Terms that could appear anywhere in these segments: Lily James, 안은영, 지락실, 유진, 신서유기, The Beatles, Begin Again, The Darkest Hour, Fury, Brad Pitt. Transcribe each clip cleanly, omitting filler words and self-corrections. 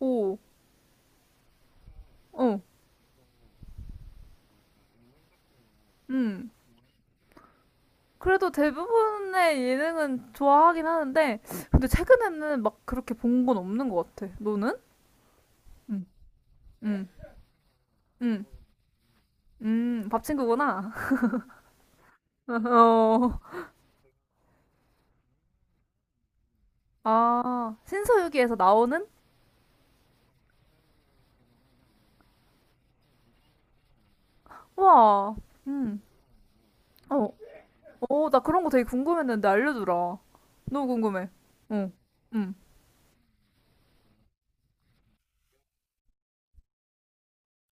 오, 어, 음. 그래도 대부분의 예능은 좋아하긴 하는데, 근데 최근에는 막 그렇게 본 건 없는 것 같아. 너는? 응, 응, 응, 밥친구구나. 어, 아, 신서유기에서 나오는? 와, 음, 어, 어, 나 그런 거 되게 궁금했는데 알려주라. 너무 궁금해. 응, 응.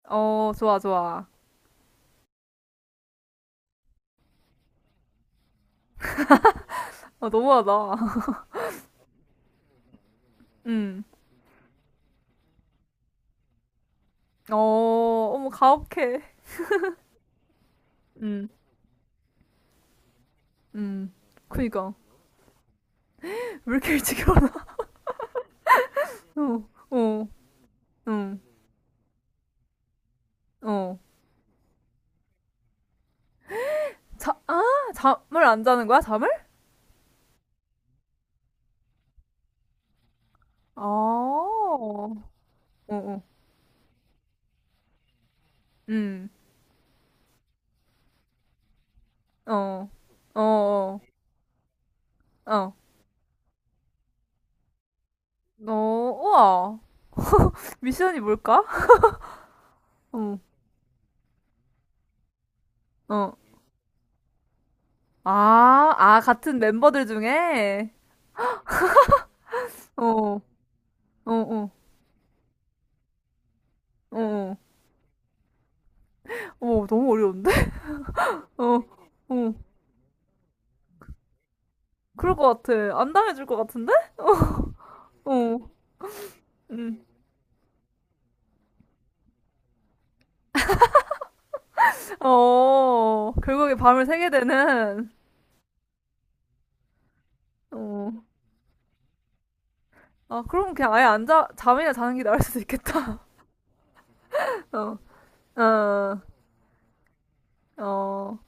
어, 좋아, 좋아. 아, 너무하다. 응, 어, 어머, 가혹해. 응, 응. 그니까. 왜 이렇게 일찍 일어나? 어, 어, 응, 어. 자, 아, 잠을 안 자는 거야, 잠을? 아, 어, 어, 음, 어, 어, 어, 어, 어, 우와. 미션이 뭘까? 어, 어. 아, 아, 같은 멤버들 중에? 어, 어, 어, 어, 어. 어, 너무 어려운데? 어, 어. 그럴 것 같아. 안 당해줄 것 같은데? 어, 어, 음. 어, 결국에 밤을 새게 되는, 어. 아, 그럼 그냥 아예 안 자, 잠이나 자는 게 나을 수도 있겠다. 어, 어, 어.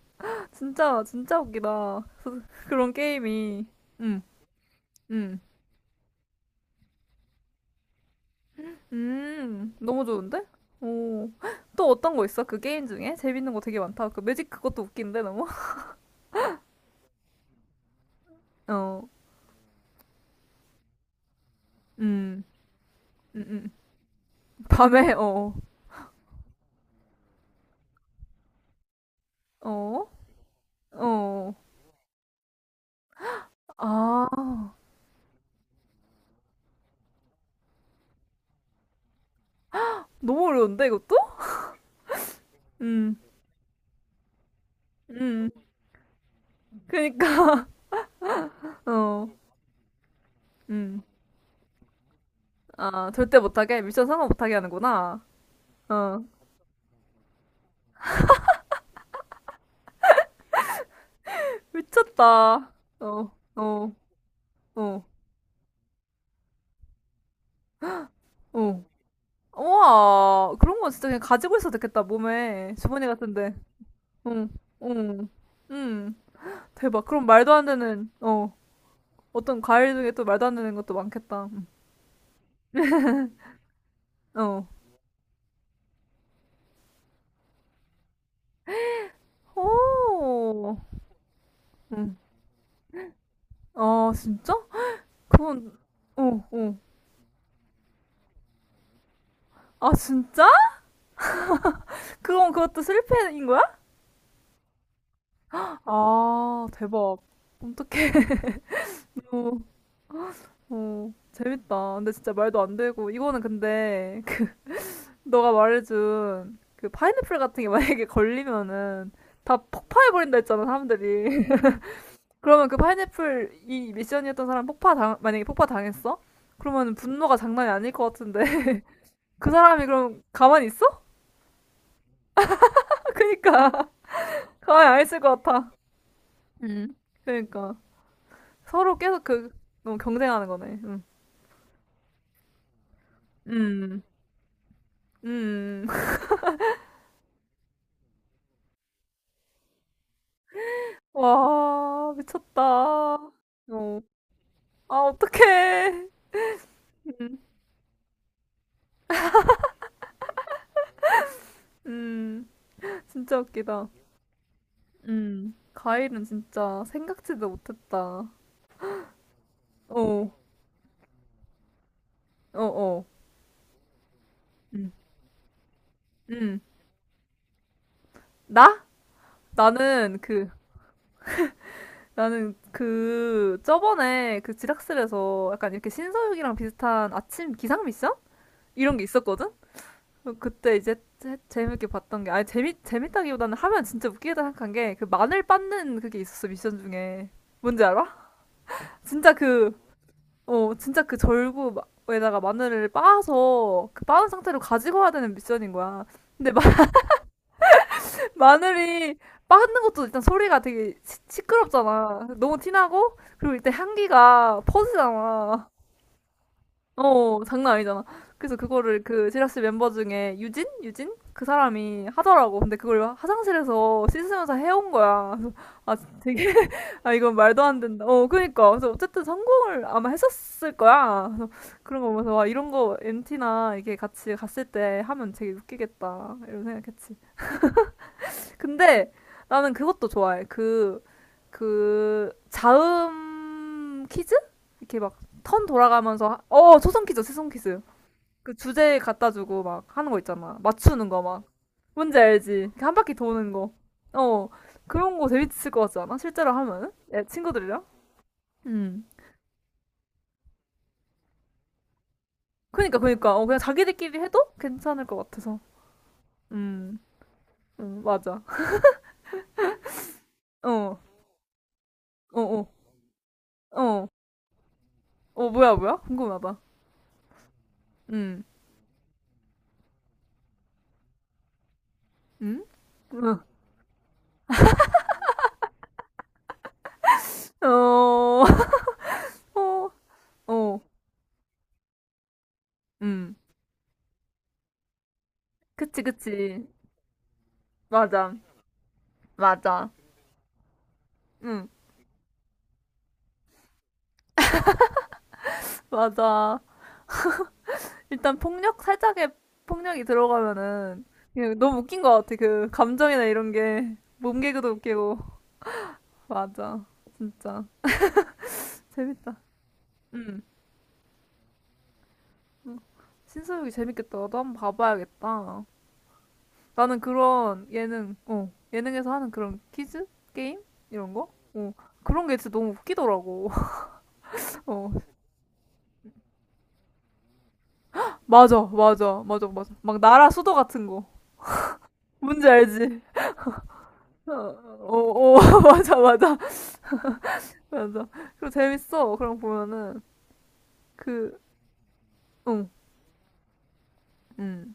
진짜, 진짜 웃기다. 그런 게임이. 음, 음, 너무 좋은데? 오. 또 어떤 거 있어? 그 게임 중에? 재밌는 거 되게 많다. 그 매직 그것도 웃긴데, 너무? 어, 음, 음, 음. 밤에, 어, 어, 어. 아, 너무 어려운데, 이것도? 음, 음. 그니까, 어, 음. 아, 절대 못하게? 미션 성공 못하게 하는구나. 어, 미쳤다. 어, 어, 어, 어. 우와, 그런 건 진짜 그냥 가지고 있어도 되겠다, 몸에. 주머니 같은데. 응, 응, 응. 대박. 그럼 말도 안 되는, 어, 어떤 과일 중에 또 말도 안 되는 것도 많겠다. 응. 어, 오, 응. 아, 진짜? 그건, 어, 어. 아, 진짜? 그건 그것도 실패인 거야? 아, 대박. 어떡해. 어. 어, 재밌다. 근데 진짜 말도 안 되고, 이거는 근데, 그 너가 말해준, 그, 파인애플 같은 게 만약에 걸리면은, 다 폭파해버린다 했잖아, 사람들이. 그러면 그 파인애플, 이 미션이었던 사람 폭파 당, 만약에 폭파 당했어? 그러면 분노가 장난이 아닐 것 같은데. 그 사람이 그럼 가만히 있어? 그니까. 가만히 안 있을 것 같아. 그니까. 서로 계속 그, 너무 경쟁하는 거네. 응. 음. 음. 와, 미쳤다. 어. 아, 어떡해. 음, 진짜 웃기다. 과일은 진짜 생각지도 못했다. 어, 어, 어. 음, 음. 나? 나는 그, 나는 그, 저번에 그 지락실에서 약간 이렇게 신서유기랑 비슷한 아침 기상 미션? 이런 게 있었거든? 어, 그때 이제 재밌게 봤던 게, 아니, 재밌다기보다는 하면 진짜 웃기겠다 생각한 게, 그 마늘 빻는 그게 있었어, 미션 중에. 뭔지 알아? 진짜 그, 어, 진짜 그 절구에다가 마늘을 빻아서 그 빻은 상태로 가지고 와야 되는 미션인 거야. 근데 마늘이 빻는 것도 일단 소리가 되게 시끄럽잖아. 너무 티나고 그리고 일단 향기가 퍼지잖아. 어, 장난 아니잖아. 그래서 그거를 그 지라시 멤버 중에 유진? 유진? 그 사람이 하더라고. 근데 그걸 화장실에서 씻으면서 해온 거야. 그래서 아, 되게 아, 이건 말도 안 된다. 어, 그니까. 그래서 어쨌든 성공을 아마 했었을 거야. 그래서 그런 거 보면서, 와, 이런 거 MT나 이게 같이 갔을 때 하면 되게 웃기겠다. 이런 생각했지. 근데 나는 그것도 좋아해. 그, 자음 퀴즈? 이렇게 막 턴 돌아가면서, 초성 퀴즈, 초성 퀴즈. 그 주제 갖다 주고 막 하는 거 있잖아. 맞추는 거 막. 뭔지 알지? 이렇게 한 바퀴 도는 거. 어, 그런 거 재밌을 것 같지 않아? 실제로 하면은? 친구들이랑? 음. 그니까 그니까 어, 그냥 자기들끼리 해도 괜찮을 것 같아서 음, 맞아 어어어어어 어, 어, 어, 어 뭐야 뭐야 궁금하다 음음어어어음 그치 그치 맞아 맞아 음 맞아 일단 폭력 살짝의 폭력이 들어가면은 그냥 너무 웃긴 것 같아 그 감정이나 이런 게 몸개그도 웃기고 맞아 진짜 재밌다 음. 음, 신서유기 재밌겠다. 나도 한번 봐봐야겠다. 나는 그런 예능, 어, 예능에서 하는 그런 퀴즈? 게임? 이런 거? 어, 그런 게 진짜 너무 웃기더라고. 어, 맞아, 맞아, 맞아, 맞아. 막 나라 수도 같은 거. 뭔지 알지? 어, 어, 어, 맞아, 맞아, 맞아. 그거 재밌어. 그럼 보면은, 그, 응, 응.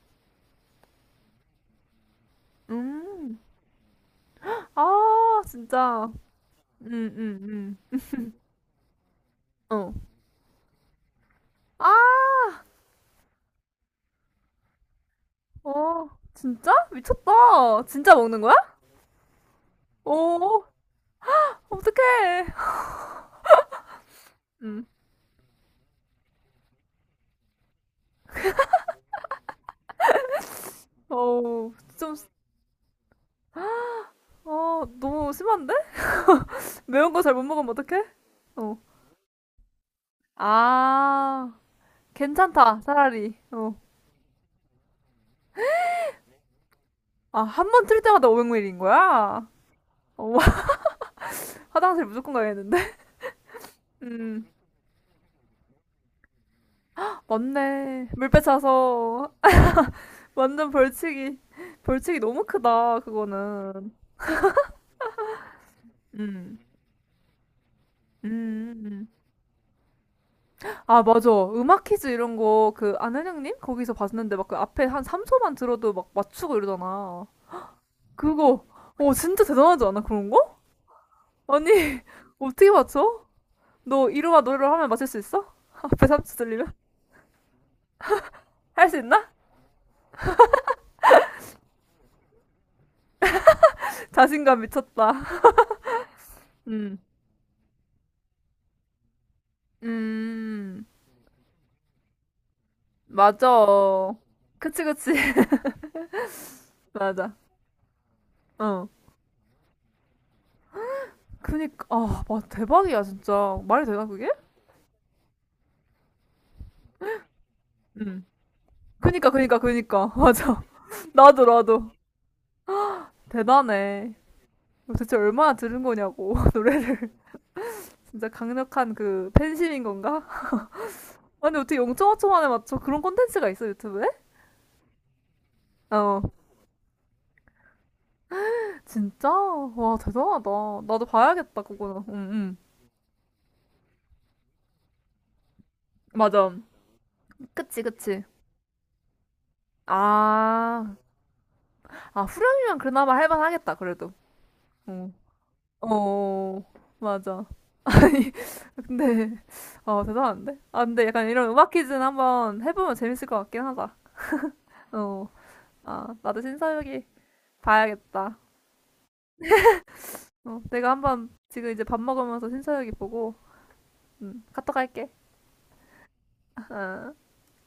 음. 아, 진짜. 응응 응. 어. 아, 어, 진짜? 미쳤다. 진짜 먹는 거야? 오, 어떡해. 음, 어우, 좀, 어, 너무 심한데? 매운 거 잘 못 먹으면 어떡해? 어, 아, 괜찮다, 차라리. 어, 아, 한 번 틀 때마다 500ml인 거야? 어, 화장실 무조건 가야겠는데? 음, 맞네. 물 빼차서. 완전 벌칙이, 벌칙이 너무 크다, 그거는. 음, 음. 아, 맞아. 음악 퀴즈 이런 거, 그, 안은영님? 거기서 봤는데, 막 그 앞에 한 3초만 들어도 막 맞추고 이러잖아. 그거, 어, 진짜 대단하지 않아, 그런 거? 아니, 어떻게 맞춰? 너 이루와 노래를 하면 맞출 수 있어? 앞에 3초 들리면? 할 수 있나? 자신감 미쳤다. 음, 음, 맞아. 그치, 그치. 맞아. 어. 그니까, 아, 와, 대박이야, 진짜. 말이 되나, 그게? 음. 그니까, 그니까, 그니까. 맞아. 나도, 나도. 대단해. 도대체 얼마나 들은 거냐고 노래를 진짜 강력한 그 팬심인 건가? 아니 어떻게 0.5초 만에 맞춰 그런 콘텐츠가 있어 유튜브에? 어 진짜 와 대단하다 나도 봐야겠다 그거는 응응 맞아 그치 그치 아 아 후렴이면 그나마 할만하겠다 그래도 어, 어 맞아 아니 근데 어 대단한데 아 근데 약간 이런 음악 퀴즈는 한번 해보면 재밌을 것 같긴 하다 어 아 나도 신사유이 봐야겠다 어, 내가 한번 지금 이제 밥 먹으면서 신서유기 보고 카톡 할게. 어.